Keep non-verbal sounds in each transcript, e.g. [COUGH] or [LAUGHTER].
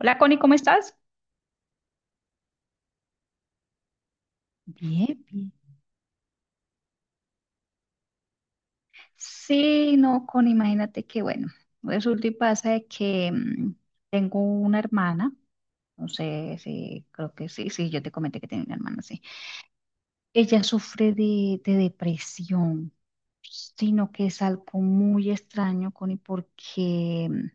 Hola Connie, ¿cómo estás? Bien, bien. Sí, no, Connie, imagínate que bueno, resulta y pasa de que tengo una hermana, no sé si, creo que sí, sí, yo te comenté que tengo una hermana, sí. Ella sufre de depresión, sino que es algo muy extraño, Connie, porque,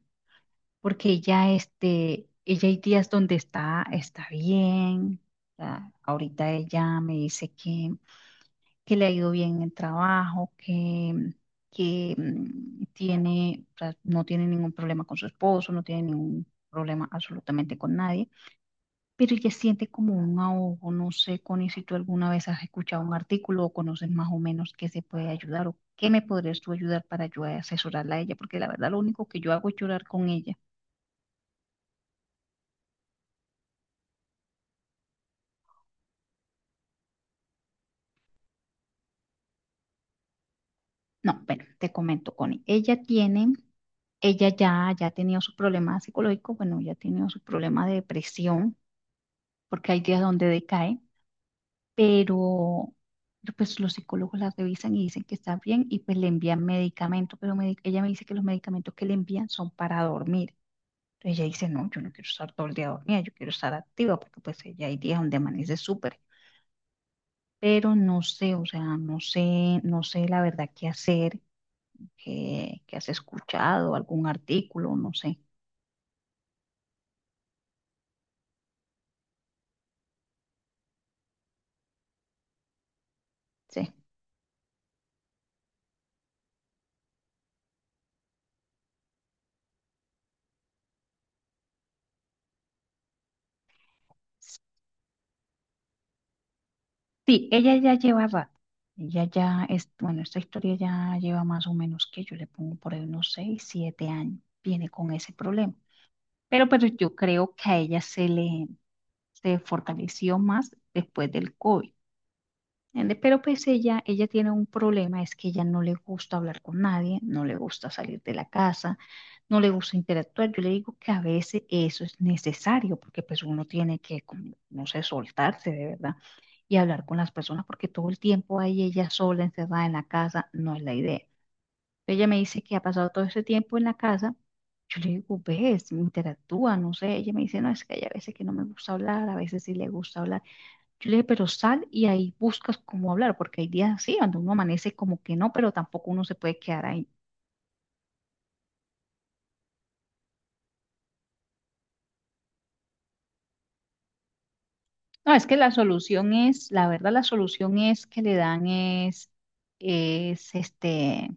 porque ella, este, ella hay días donde está bien, o sea, ahorita ella me dice que le ha ido bien en el trabajo, que tiene, o sea, no tiene ningún problema con su esposo, no tiene ningún problema absolutamente con nadie, pero ella siente como un ahogo, no sé, Connie, si tú alguna vez has escuchado un artículo o conoces más o menos qué se puede ayudar o qué me podrías tú ayudar para yo asesorarla a ella, porque la verdad lo único que yo hago es llorar con ella. No, bueno, te comento, Connie, ella tiene... Ella ya ha tenido sus problemas psicológicos, bueno, ya ha tenido sus problemas de depresión, porque hay días donde decae, pero pues los psicólogos la revisan y dicen que está bien y pues le envían medicamento, pero ella me dice que los medicamentos que le envían son para dormir. Entonces ella dice, no, yo no quiero estar todo el día dormida, yo quiero estar activa, porque pues ella hay días donde amanece súper, pero no sé, o sea, no sé, no sé la verdad qué hacer, qué has escuchado, algún artículo, no sé, sí. Sí, ella ya lleva rato. Ella ya es, bueno, esta historia ya lleva más o menos que yo le pongo por ahí unos 6, 7 años. Viene con ese problema. Pero yo creo que a ella se fortaleció más después del COVID. ¿Entiendes? Pero pues ella tiene un problema, es que ella no le gusta hablar con nadie, no le gusta salir de la casa, no le gusta interactuar. Yo le digo que a veces eso es necesario, porque pues uno tiene que, como, no sé, soltarse de verdad y hablar con las personas, porque todo el tiempo ahí ella sola, encerrada en la casa, no es la idea. Ella me dice que ha pasado todo ese tiempo en la casa. Yo le digo, ves, interactúa, no sé. Ella me dice, no, es que hay a veces que no me gusta hablar, a veces sí le gusta hablar. Yo le dije, pero sal y ahí buscas cómo hablar, porque hay días así, cuando uno amanece como que no, pero tampoco uno se puede quedar ahí. No, es que la solución es, la verdad, la solución es que le dan es este,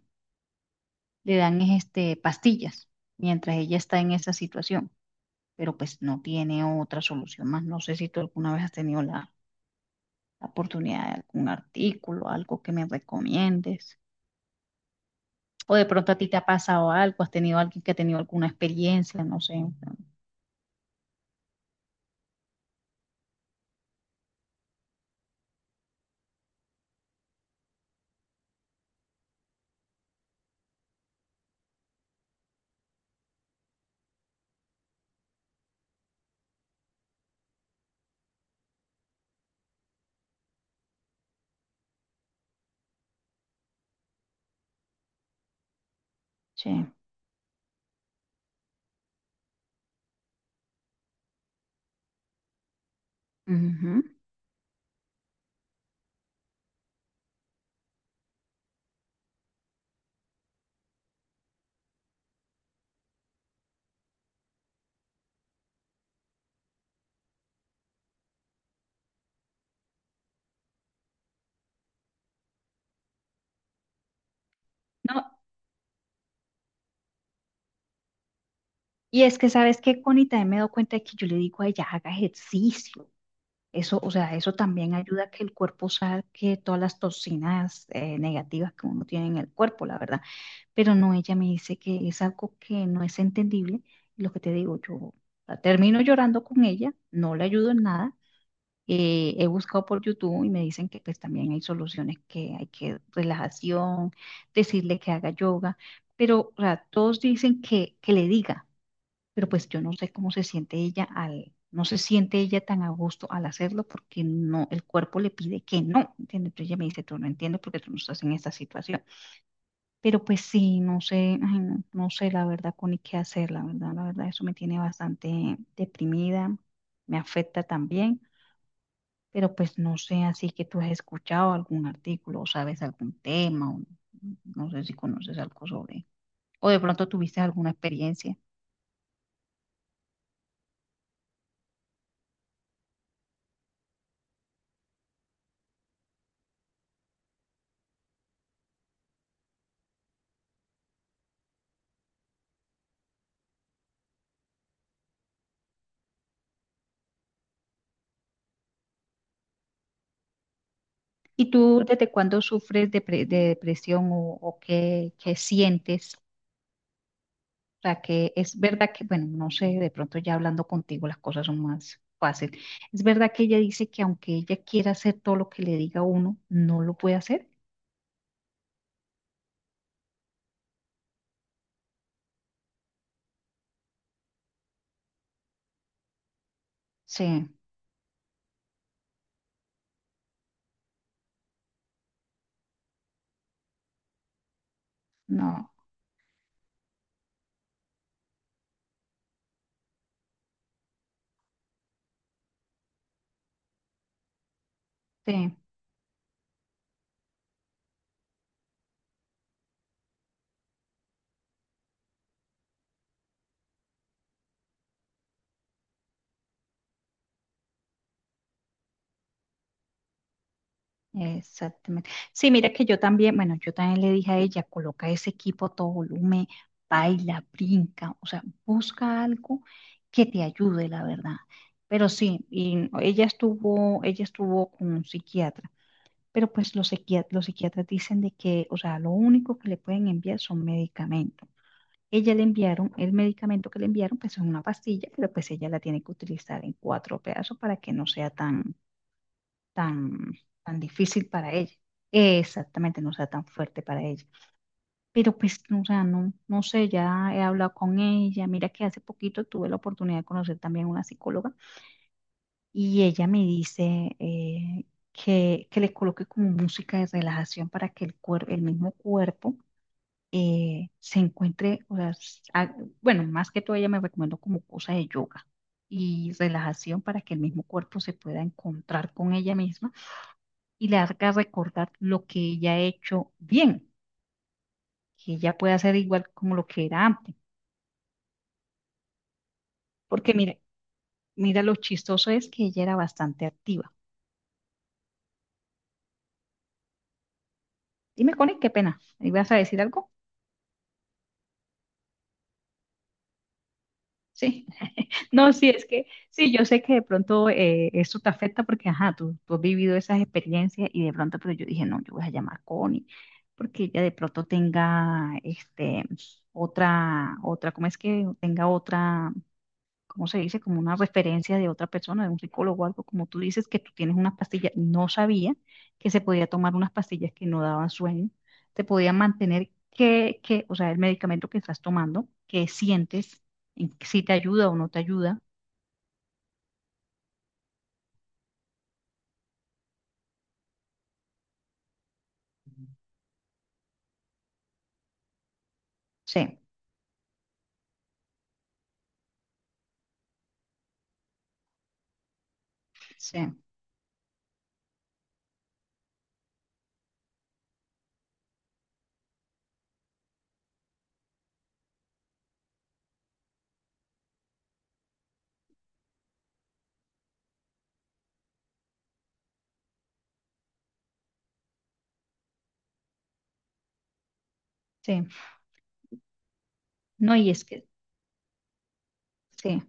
le dan es este, pastillas mientras ella está en esa situación, pero pues no tiene otra solución más. No sé si tú alguna vez has tenido la oportunidad de algún artículo, algo que me recomiendes, o de pronto a ti te ha pasado algo, has tenido alguien que ha tenido alguna experiencia, no sé. Sí. Ujú. No, y es que sabes que Connie también me doy cuenta de que yo le digo a ella, haga ejercicio. Eso, o sea, eso también ayuda a que el cuerpo saque todas las toxinas negativas que uno tiene en el cuerpo, la verdad. Pero no, ella me dice que es algo que no es entendible. Y lo que te digo, yo la termino llorando con ella, no le ayudo en nada. He buscado por YouTube y me dicen que pues también hay soluciones que hay que relajación, decirle que haga yoga, pero o sea, todos dicen que le diga. Pero pues yo no sé cómo se siente ella al, no se siente ella tan a gusto al hacerlo porque no, el cuerpo le pide que no, ¿entiendes? Entonces ella me dice, tú no entiendes porque tú no estás en esta situación. Pero pues sí, no sé, ay, no, no sé la verdad con qué hacer, la verdad, eso me tiene bastante deprimida, me afecta también, pero pues no sé, así que tú has escuchado algún artículo o sabes algún tema, o no sé si conoces algo sobre, o de pronto tuviste alguna experiencia. ¿Y tú desde cuándo sufres de, de depresión o qué, qué sientes? O sea, que es verdad que, bueno, no sé, de pronto ya hablando contigo las cosas son más fáciles. Es verdad que ella dice que aunque ella quiera hacer todo lo que le diga uno, no lo puede hacer. Sí, no, sí. Exactamente. Sí, mira que yo también, bueno, yo también le dije a ella, coloca ese equipo a todo volumen, baila, brinca, o sea, busca algo que te ayude, la verdad. Pero sí, y ella estuvo con un psiquiatra, pero pues los los psiquiatras dicen de que, o sea, lo único que le pueden enviar son medicamentos. Ella le enviaron, el medicamento que le enviaron, pues es una pastilla, pero pues ella la tiene que utilizar en cuatro pedazos para que no sea tan, tan difícil para ella. Exactamente, no sea tan fuerte para ella. Pero pues, no, o sea, no, no sé, ya he hablado con ella. Mira que hace poquito tuve la oportunidad de conocer también a una psicóloga y ella me dice que le coloque como música de relajación para que el mismo cuerpo se encuentre, o sea, bueno, más que todo ella me recomendó como cosa de yoga y relajación para que el mismo cuerpo se pueda encontrar con ella misma y le haga recordar lo que ella ha hecho bien, que ella puede hacer igual como lo que era antes. Porque mire, mira lo chistoso es que ella era bastante activa. Dime, Connie, qué pena. ¿Ibas a decir algo? Sí. [LAUGHS] No, sí, es que sí, yo sé que de pronto esto te afecta porque, ajá, tú has vivido esas experiencias y de pronto, pero yo dije, no, yo voy a llamar a Connie porque ella de pronto tenga, este, otra, ¿cómo es que tenga otra? ¿Cómo se dice? Como una referencia de otra persona, de un psicólogo o algo, como tú dices que tú tienes unas pastillas, no sabía que se podía tomar unas pastillas que no daban sueño, te podían mantener o sea, el medicamento que estás tomando, que sientes, si te ayuda o no te ayuda. Sí, sí, sí. No, y es que, sí,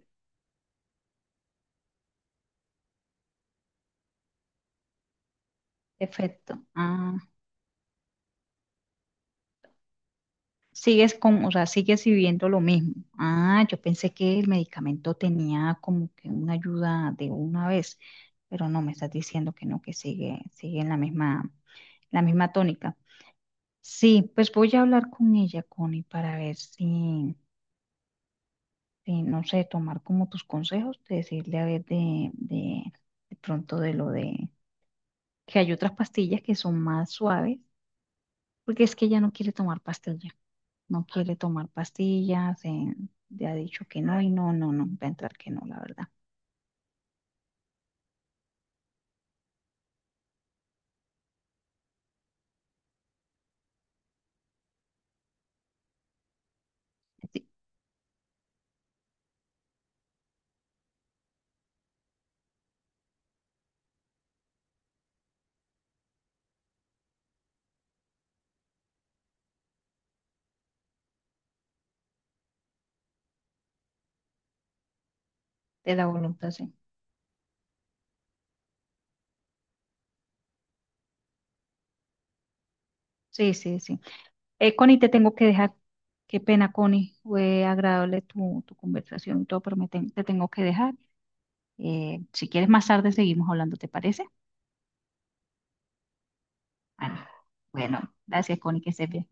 efecto. Ah. Sigues con, o sea, sigues viviendo lo mismo. Ah, yo pensé que el medicamento tenía como que una ayuda de una vez, pero no, me estás diciendo que no, que sigue, sigue en la misma tónica. Sí, pues voy a hablar con ella, Connie, para ver si, si, no sé, tomar como tus consejos, de decirle a ver de pronto de lo de que hay otras pastillas que son más suaves, porque es que ella no quiere tomar pastillas. No quiere tomar pastillas, le ha dicho que no y no, no, no, va a entrar que no, la verdad. Sí, de la voluntad, sí. Sí, sí, sí. Connie, te tengo que dejar. Qué pena, Connie. Fue agradable tu conversación y todo, pero te tengo que dejar. Si quieres más tarde seguimos hablando, ¿te parece? Bueno, bueno, gracias, Connie, que estés bien.